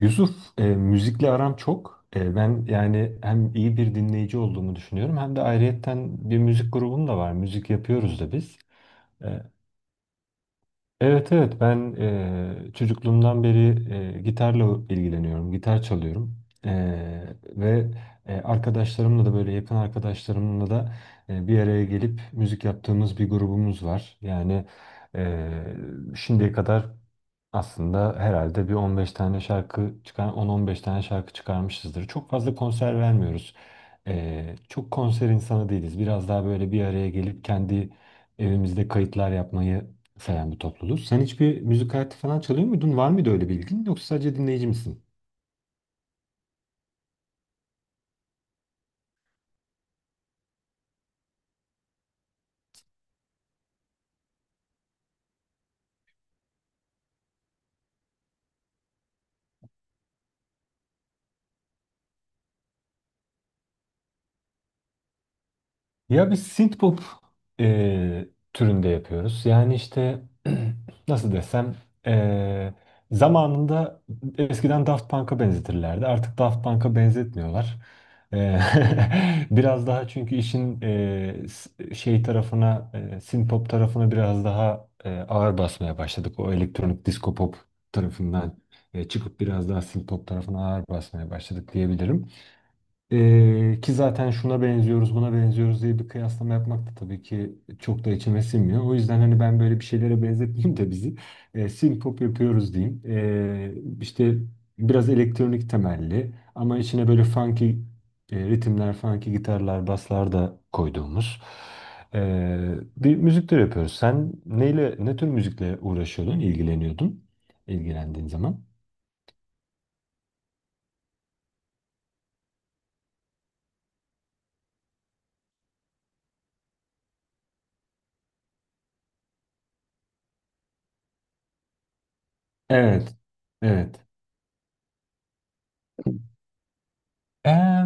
Yusuf, müzikle aram çok. Ben yani hem iyi bir dinleyici olduğumu düşünüyorum hem de ayrıyetten bir müzik grubum da var. Müzik yapıyoruz da biz. E, evet, evet, ben çocukluğumdan beri gitarla ilgileniyorum, gitar çalıyorum. E, Ve arkadaşlarımla da böyle yakın arkadaşlarımla da bir araya gelip müzik yaptığımız bir grubumuz var. Yani e, şimdiye kadar aslında herhalde bir 15 tane şarkı çıkar, 10-15 tane şarkı çıkarmışızdır. Çok fazla konser vermiyoruz. Çok konser insanı değiliz. Biraz daha böyle bir araya gelip kendi evimizde kayıtlar yapmayı seven bir topluluğuz. Sen hiçbir müzik aleti falan çalıyor muydun? Var mıydı öyle bir ilgin? Yoksa sadece dinleyici misin? Ya biz synthpop e, türünde yapıyoruz. Yani işte nasıl desem e, zamanında eskiden Daft Punk'a benzetirlerdi. Artık Daft Punk'a benzetmiyorlar. E, biraz daha çünkü işin şey tarafına, synthpop tarafına biraz daha ağır basmaya başladık. O elektronik disco pop tarafından çıkıp biraz daha synthpop tarafına ağır basmaya başladık diyebilirim. Ki zaten şuna benziyoruz, buna benziyoruz diye bir kıyaslama yapmak da tabii ki çok da içime sinmiyor. O yüzden hani ben böyle bir şeylere benzetmeyeyim de bizi synpop yapıyoruz diyeyim. İşte biraz elektronik temelli ama içine böyle funky ritimler, funky gitarlar, baslar da koyduğumuz bir müzik türü yapıyoruz. Sen neyle, ne tür müzikle uğraşıyordun, ilgileniyordun, ilgilendiğin zaman? Evet, evet. Ee,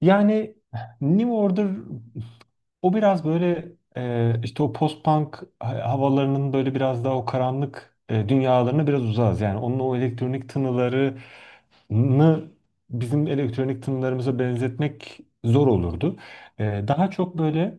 Yani New Order o biraz böyle işte o post-punk havalarının böyle biraz daha o karanlık dünyalarına biraz uzağız. Yani onun o elektronik tınılarını bizim elektronik tınılarımıza benzetmek zor olurdu. Daha çok böyle.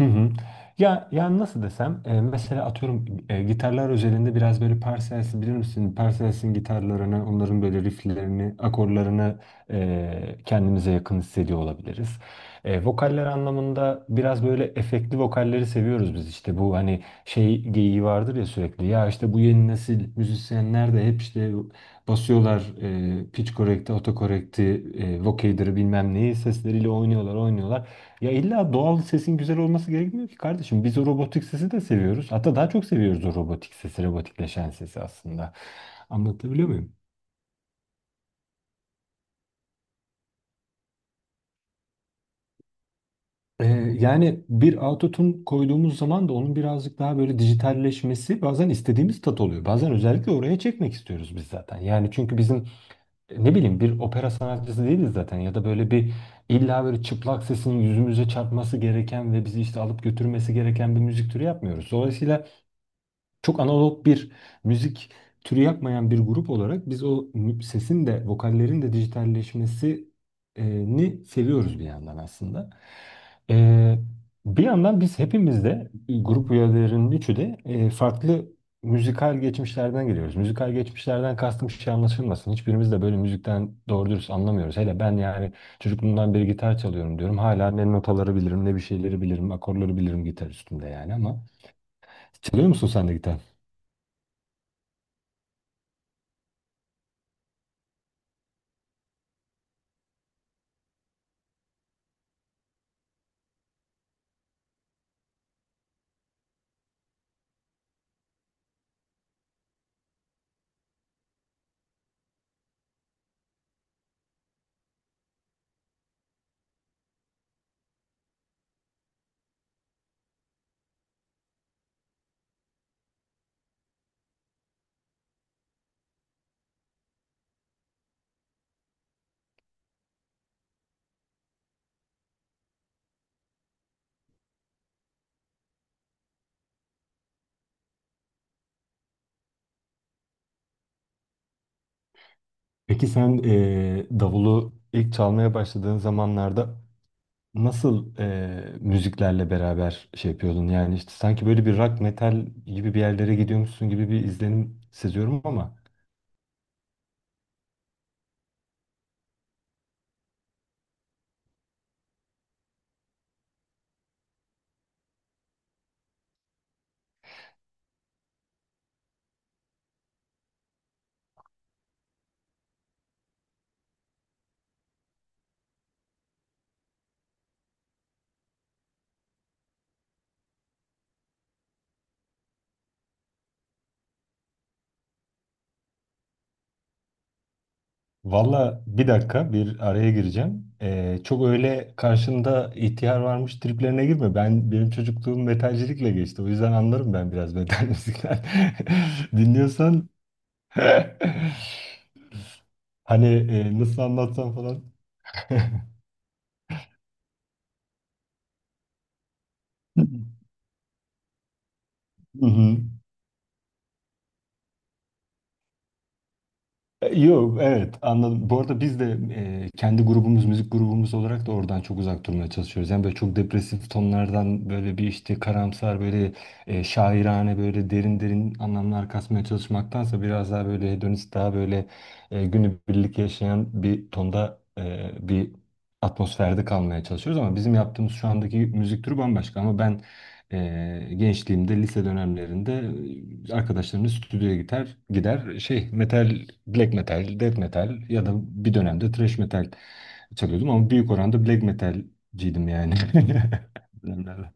Hı hı. Ya yani nasıl desem mesela atıyorum gitarlar özelinde biraz böyle Parsels'i bilir misin? Parsels'in gitarlarını, onların böyle rifflerini, akorlarını kendimize yakın hissediyor olabiliriz. Vokaller anlamında biraz böyle efektli vokalleri seviyoruz biz işte bu hani şey geyiği vardır ya sürekli ya işte bu yeni nesil müzisyenler de hep işte basıyorlar pitch correct'i, autocorrect'i, vocoder'ı bilmem neyi sesleriyle oynuyorlar oynuyorlar. Ya illa doğal sesin güzel olması gerekmiyor ki kardeşim. Biz o robotik sesi de seviyoruz. Hatta daha çok seviyoruz o robotik sesi, robotikleşen sesi aslında. Anlatabiliyor muyum? Ee, Yani bir autotune koyduğumuz zaman da onun birazcık daha böyle dijitalleşmesi bazen istediğimiz tat oluyor. Bazen özellikle oraya çekmek istiyoruz biz zaten. Yani çünkü bizim ne bileyim bir opera sanatçısı değiliz zaten ya da böyle bir illa böyle çıplak sesinin yüzümüze çarpması gereken ve bizi işte alıp götürmesi gereken bir müzik türü yapmıyoruz. Dolayısıyla çok analog bir müzik türü yapmayan bir grup olarak biz o sesin de vokallerin de dijitalleşmesini seviyoruz bir yandan aslında. Ee, Bir yandan biz hepimiz de grup üyelerinin üçü de farklı müzikal geçmişlerden geliyoruz. Müzikal geçmişlerden kastım şey anlaşılmasın. Hiçbirimiz de böyle müzikten doğru dürüst anlamıyoruz. Hele ben yani çocukluğumdan beri gitar çalıyorum diyorum. Hala ne notaları bilirim ne bir şeyleri bilirim, akorları bilirim gitar üstünde yani ama çalıyor musun sen de gitar? Peki sen davulu ilk çalmaya başladığın zamanlarda nasıl müziklerle beraber şey yapıyordun? Yani işte sanki böyle bir rock metal gibi bir yerlere gidiyormuşsun gibi bir izlenim seziyorum ama valla bir dakika bir araya gireceğim. Çok öyle karşında ihtiyar varmış triplerine girme. Benim çocukluğum metalcilikle geçti. O yüzden anlarım ben biraz metal müzikler. Dinliyorsan hani, nasıl anlatsam falan. Hı hı. Yok, evet, anladım. Bu arada biz de kendi grubumuz, müzik grubumuz olarak da oradan çok uzak durmaya çalışıyoruz. Yani böyle çok depresif tonlardan böyle bir işte karamsar böyle şairane böyle derin derin anlamlar kasmaya çalışmaktansa biraz daha böyle hedonist daha böyle günübirlik yaşayan bir tonda bir atmosferde kalmaya çalışıyoruz. Ama bizim yaptığımız şu andaki müzik türü bambaşka ama ben gençliğimde lise dönemlerinde arkadaşlarımla stüdyoya gider gider şey metal black metal death metal ya da bir dönemde thrash metal çalıyordum ama büyük oranda black metalciydim yani. Dönemlerde.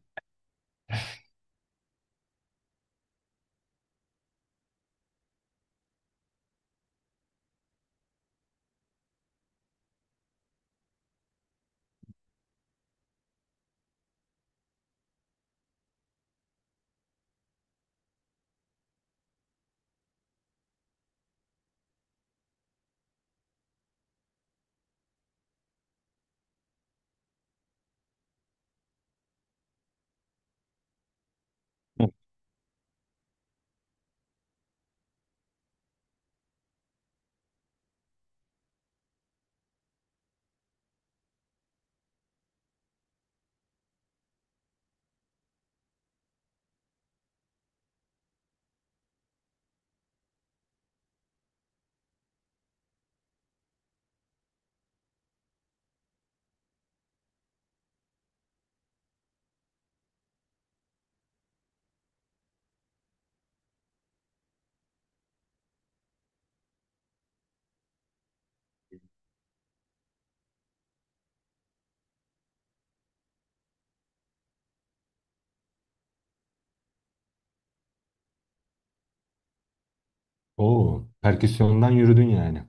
Oo, perküsyondan yürüdün yani.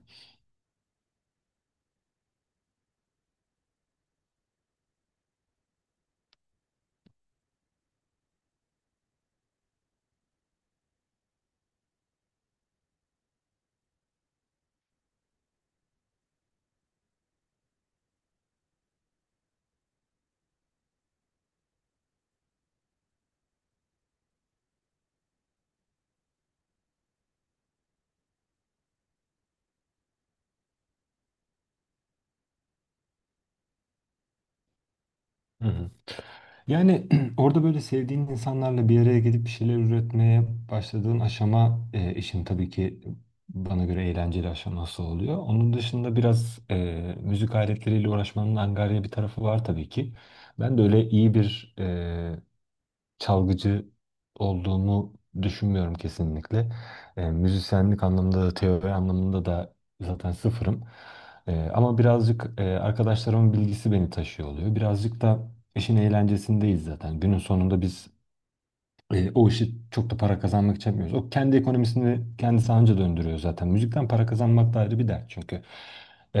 Hı hı. Yani orada böyle sevdiğin insanlarla bir araya gelip bir şeyler üretmeye başladığın aşama işin tabii ki bana göre eğlenceli aşaması oluyor. Onun dışında biraz müzik aletleriyle uğraşmanın angarya bir tarafı var tabii ki. Ben de öyle iyi bir çalgıcı olduğumu düşünmüyorum kesinlikle. Müzisyenlik anlamında da teori anlamında da zaten sıfırım. Ama birazcık arkadaşlarımın bilgisi beni taşıyor oluyor. Birazcık da işin eğlencesindeyiz zaten. Günün sonunda biz o işi çok da para kazanmak için yapmıyoruz. O kendi ekonomisini kendisi anca döndürüyor zaten. Müzikten para kazanmak da ayrı bir dert çünkü. E,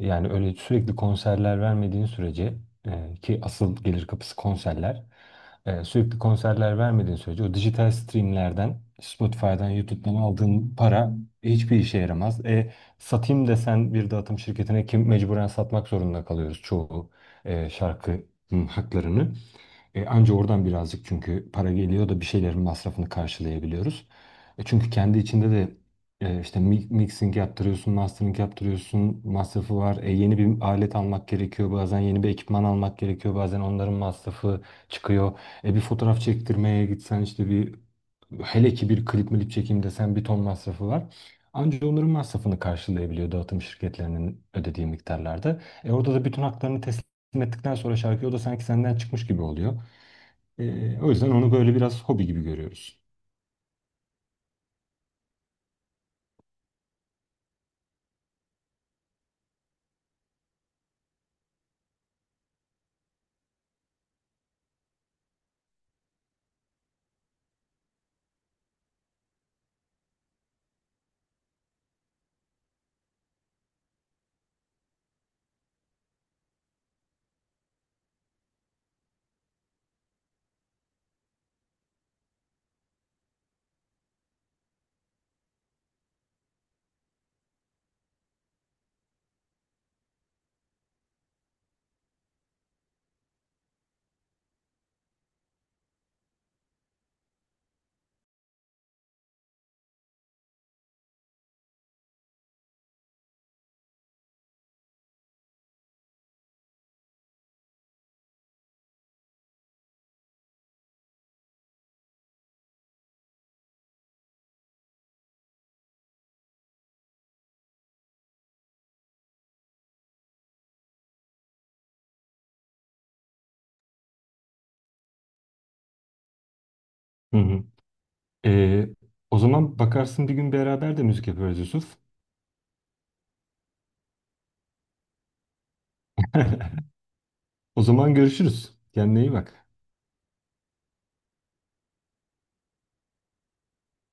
Yani öyle sürekli konserler vermediğin sürece, ki asıl gelir kapısı konserler, sürekli konserler vermediğin sürece o dijital streamlerden Spotify'dan, YouTube'dan aldığın para hiçbir işe yaramaz. Satayım desen bir dağıtım şirketine kim mecburen satmak zorunda kalıyoruz çoğu şarkı hı, haklarını. Anca oradan birazcık çünkü para geliyor da bir şeylerin masrafını karşılayabiliyoruz. Çünkü kendi içinde de işte mixing yaptırıyorsun, mastering yaptırıyorsun, masrafı var. Yeni bir alet almak gerekiyor, bazen yeni bir ekipman almak gerekiyor, bazen onların masrafı çıkıyor. Bir fotoğraf çektirmeye gitsen işte bir hele ki bir klip milip çekeyim desen bir ton masrafı var. Anca onların masrafını karşılayabiliyor dağıtım şirketlerinin ödediği miktarlarda. Orada da bütün haklarını teslim ettikten sonra şarkı o da sanki senden çıkmış gibi oluyor. O yüzden onu böyle biraz hobi gibi görüyoruz. Hı hı. Ee, O zaman bakarsın bir gün beraber de müzik yaparız, Yusuf. O zaman görüşürüz. Kendine iyi bak.